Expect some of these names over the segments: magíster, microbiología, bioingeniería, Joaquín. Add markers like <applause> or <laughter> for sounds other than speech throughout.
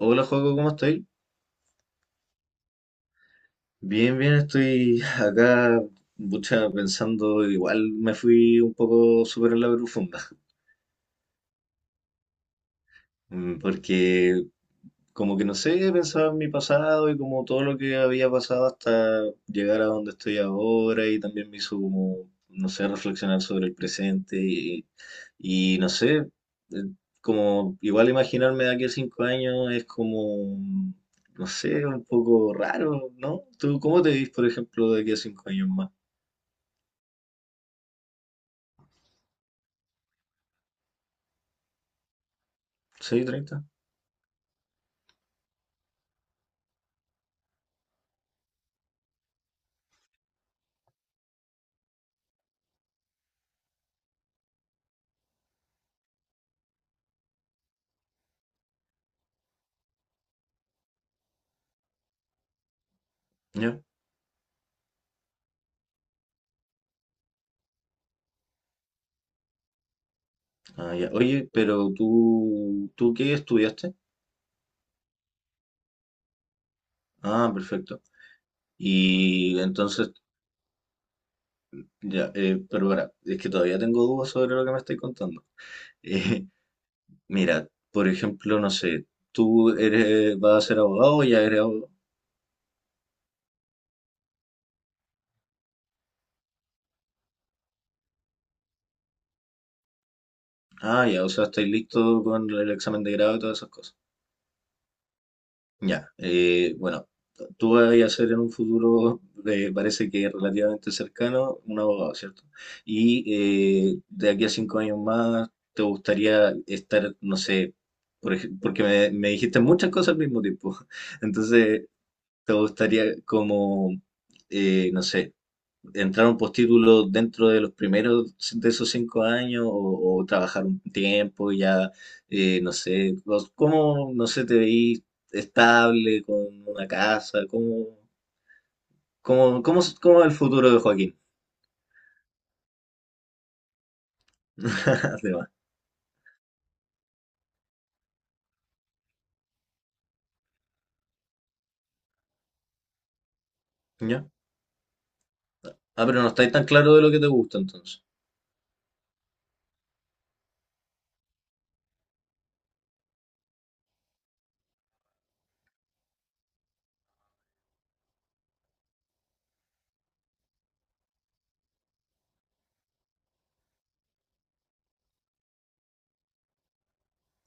Hola, Joaco, ¿cómo estoy? Bien, bien, estoy <laughs> acá, mucha pensando, igual me fui un poco súper en la profunda. Porque como que no sé, pensaba en mi pasado y como todo lo que había pasado hasta llegar a donde estoy ahora y también me hizo como, no sé, reflexionar sobre el presente. Y no sé, eh, como igual imaginarme de aquí a 5 años es como, no sé, un poco raro, ¿no? ¿Tú cómo te ves, por ejemplo, de aquí a 5 años más? ¿Seis, 30? ¿Ya? Ah, ya. Oye, pero tú, ¿tú qué estudiaste? Ah, perfecto. Y entonces, ya, pero ahora es que todavía tengo dudas sobre lo que me estoy contando. <laughs> Eh, Mira, por ejemplo, no sé, tú eres, vas a ser abogado o ya eres abogado. Ah, ya, o sea, estáis listo con el examen de grado y todas esas cosas. Ya, bueno, tú vas a ser en un futuro, parece que relativamente cercano, un abogado, ¿cierto? Y de aquí a 5 años más, ¿te gustaría estar, no sé, porque me dijiste muchas cosas al mismo tiempo? <laughs> Entonces, ¿te gustaría como, no sé, entrar a un postítulo dentro de los primeros de esos 5 años o trabajar un tiempo y ya, no sé, cómo, no sé, te veís estable con una casa, cómo es el futuro de Joaquín? <laughs> Además, ¿ya? Ah, pero no estáis tan claro de lo que te gusta entonces.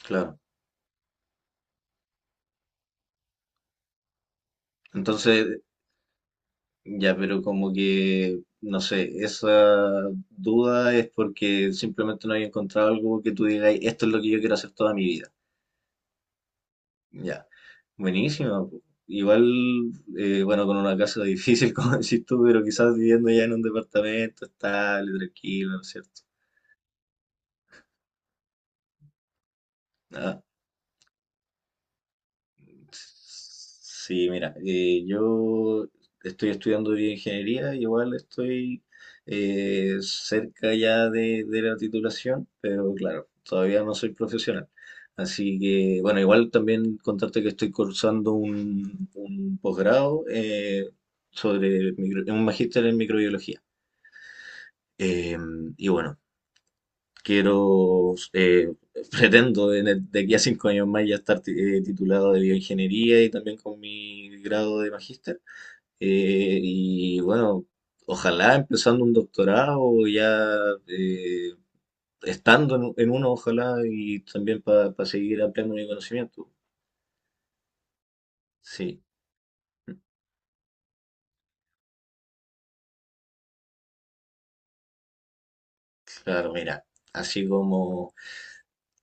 Claro. Entonces, ya, pero como que, no sé, esa duda es porque simplemente no hay encontrado algo que tú digas, esto es lo que yo quiero hacer toda mi vida. Ya, buenísimo. Igual, bueno, con una casa difícil, <laughs> como decís tú, pero quizás viviendo ya en un departamento estable, tranquilo, ¿no es cierto? Ah, sí, mira, yo estoy estudiando bioingeniería y igual estoy cerca ya de la titulación, pero claro, todavía no soy profesional. Así que, bueno, igual también contarte que estoy cursando un posgrado sobre un magíster en microbiología. Eh, y bueno, quiero, <laughs> pretendo de aquí a 5 años más ya estar titulado de bioingeniería y también con mi grado de magíster. Y bueno, ojalá empezando un doctorado, ya eh, estando en uno, ojalá, y también para seguir ampliando mi conocimiento. Sí, claro, mira, así como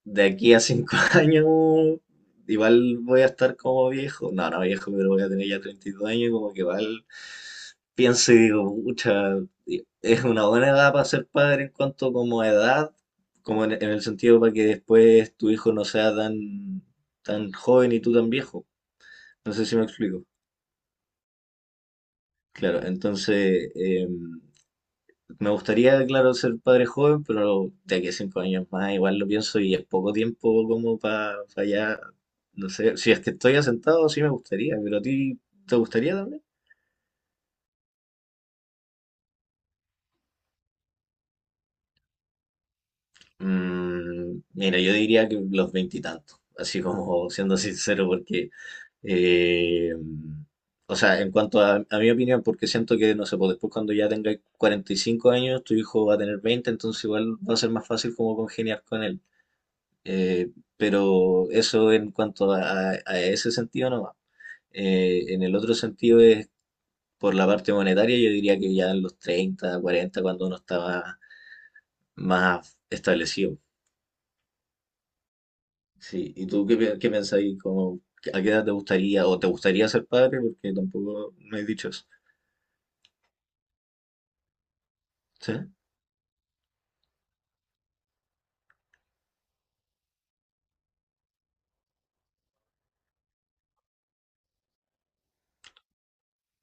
de aquí a cinco <laughs> años, igual voy a estar como viejo. No, no viejo, pero voy a tener ya 32 años y como que igual pienso y digo, pucha, es una buena edad para ser padre en cuanto como a edad, como en el sentido para que después tu hijo no sea tan, tan joven y tú tan viejo. No sé si me explico. Claro, entonces, me gustaría, claro, ser padre joven, pero de aquí a 5 años más igual lo pienso y es poco tiempo como para allá, no sé, si es que estoy asentado sí me gustaría, pero a ti te gustaría también. Mira, yo diría que los veintitantos, así como siendo sincero, porque, eh, o sea, en cuanto a mi opinión, porque siento que, no sé, pues después cuando ya tenga 45 años, tu hijo va a tener 20 entonces igual va a ser más fácil como congeniar con él. Eh, pero eso en cuanto a ese sentido no, en el otro sentido es por la parte monetaria, yo diría que ya en los 30, 40 cuando uno estaba más establecido. Sí, ¿y tú qué, qué pensáis? ¿ a qué edad te gustaría o te gustaría ser padre? Porque tampoco me has dicho eso. ¿Sí?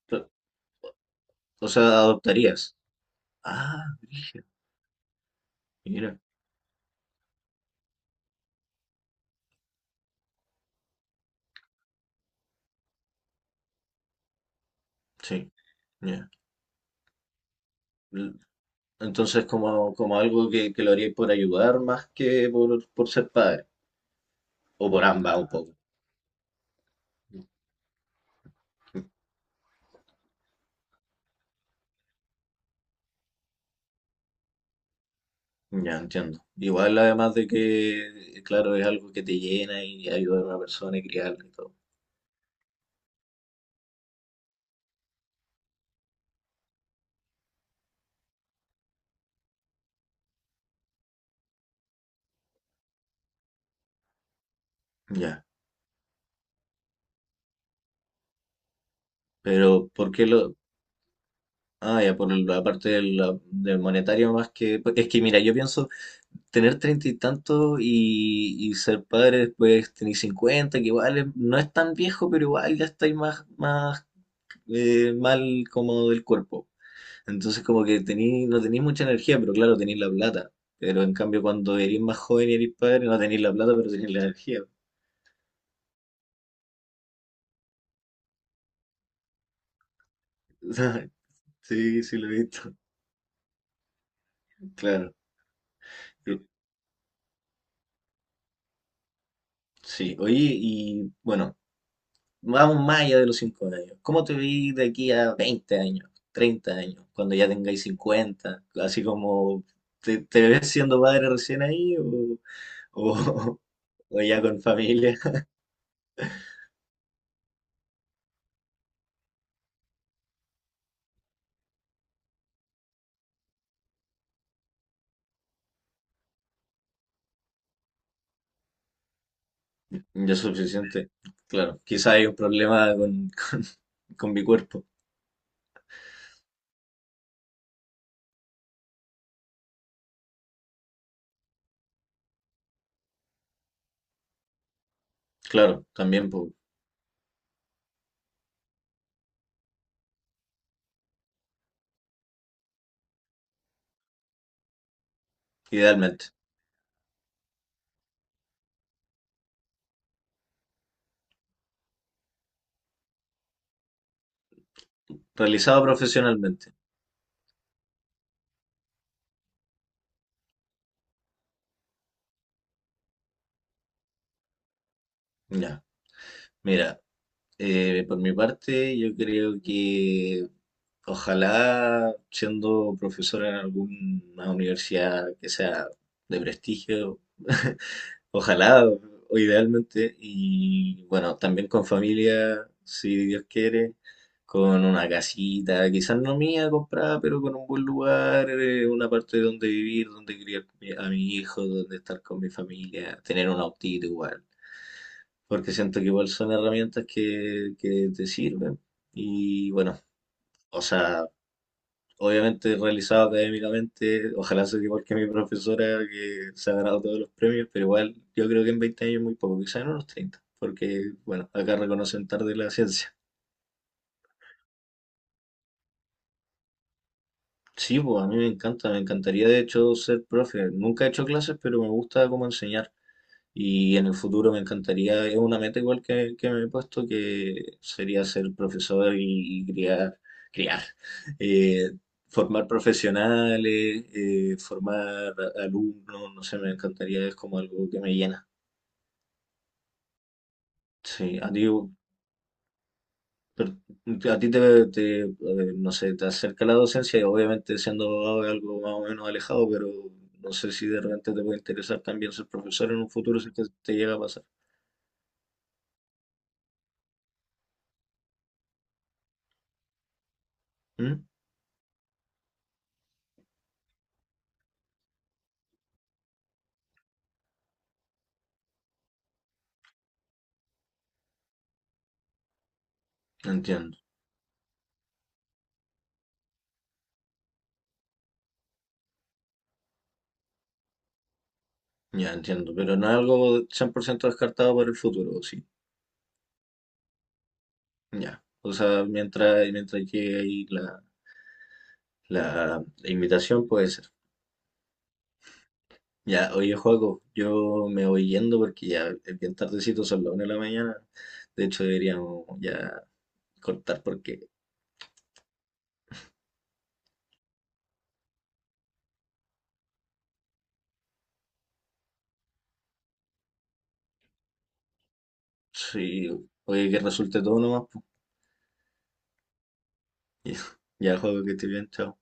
Pero, o sea, adoptarías. Ah, brígido. Mira, sí. Ya. L- Entonces, como, como algo que lo haríais por ayudar más que por ser padre. O por ambas un poco. Ya entiendo. Igual además de que, claro, es algo que te llena y ayudar a una persona y criarla y todo. Ya. Pero, ¿por qué lo? Ah, ya, por la parte del monetario más que. Es que mira, yo pienso tener treinta y tantos y ser padre después tener 50, que igual es- no es tan viejo, pero igual ya estáis más, más mal como del cuerpo. Entonces como que no tenéis mucha energía, pero claro, tenéis la plata. Pero en cambio cuando eres más joven y eres padre, no tenéis la plata, pero tenéis la energía. <laughs> Sí, sí lo he visto. Claro. Eh, Sí, oye, y bueno, vamos más allá de los 5 años. ¿Cómo te vi de aquí a 20 años, 30 años, cuando ya tengáis 50? Así como, ¿te ves siendo padre recién ahí o, o, <laughs> o ya con familia? <laughs> Ya es suficiente. Claro, quizá hay un problema <laughs> con mi cuerpo. Claro, también, pues, idealmente. Realizado profesionalmente. Ya, mira, por mi parte, yo creo que ojalá siendo profesor en alguna universidad que sea de prestigio. Ojalá o idealmente, y bueno, también con familia, si Dios quiere, con una casita, quizás no mía comprada, pero con un buen lugar, una parte donde vivir, donde criar a mi hijo, donde estar con mi familia, tener un autito igual, porque siento que igual son herramientas que te sirven. Y bueno, o sea, obviamente realizado académicamente, ojalá sea igual que mi profesora que se ha ganado todos los premios, pero igual yo creo que en 20 años es muy poco, quizás en unos 30 porque bueno, acá reconocen tarde la ciencia. Sí, pues a mí me encanta, me encantaría de hecho ser profe. Nunca he hecho clases, pero me gusta cómo enseñar. Y en el futuro me encantaría, es una meta igual que me he puesto, que sería ser profesor y criar, criar, eh, formar profesionales, formar alumnos, no sé, me encantaría, es como algo que me llena. Sí, a ti, per- a ti te, no sé, te acerca la docencia y obviamente siendo abogado es algo más o menos alejado, pero no sé si de repente te puede interesar también ser profesor en un futuro si es que te llega a pasar. ¿Mm? Entiendo. Ya entiendo, pero no es algo 100% descartado para el futuro, sí. Ya. O sea, mientras llegue ahí la invitación puede ser. Ya, oye, Joaco, yo me voy yendo porque ya es bien tardecito, son las 1 de la mañana. De hecho, deberíamos ya cortar porque sí, oye, que resulte todo nomás. Po. <laughs> Ya, Joaco, que esté bien, chao.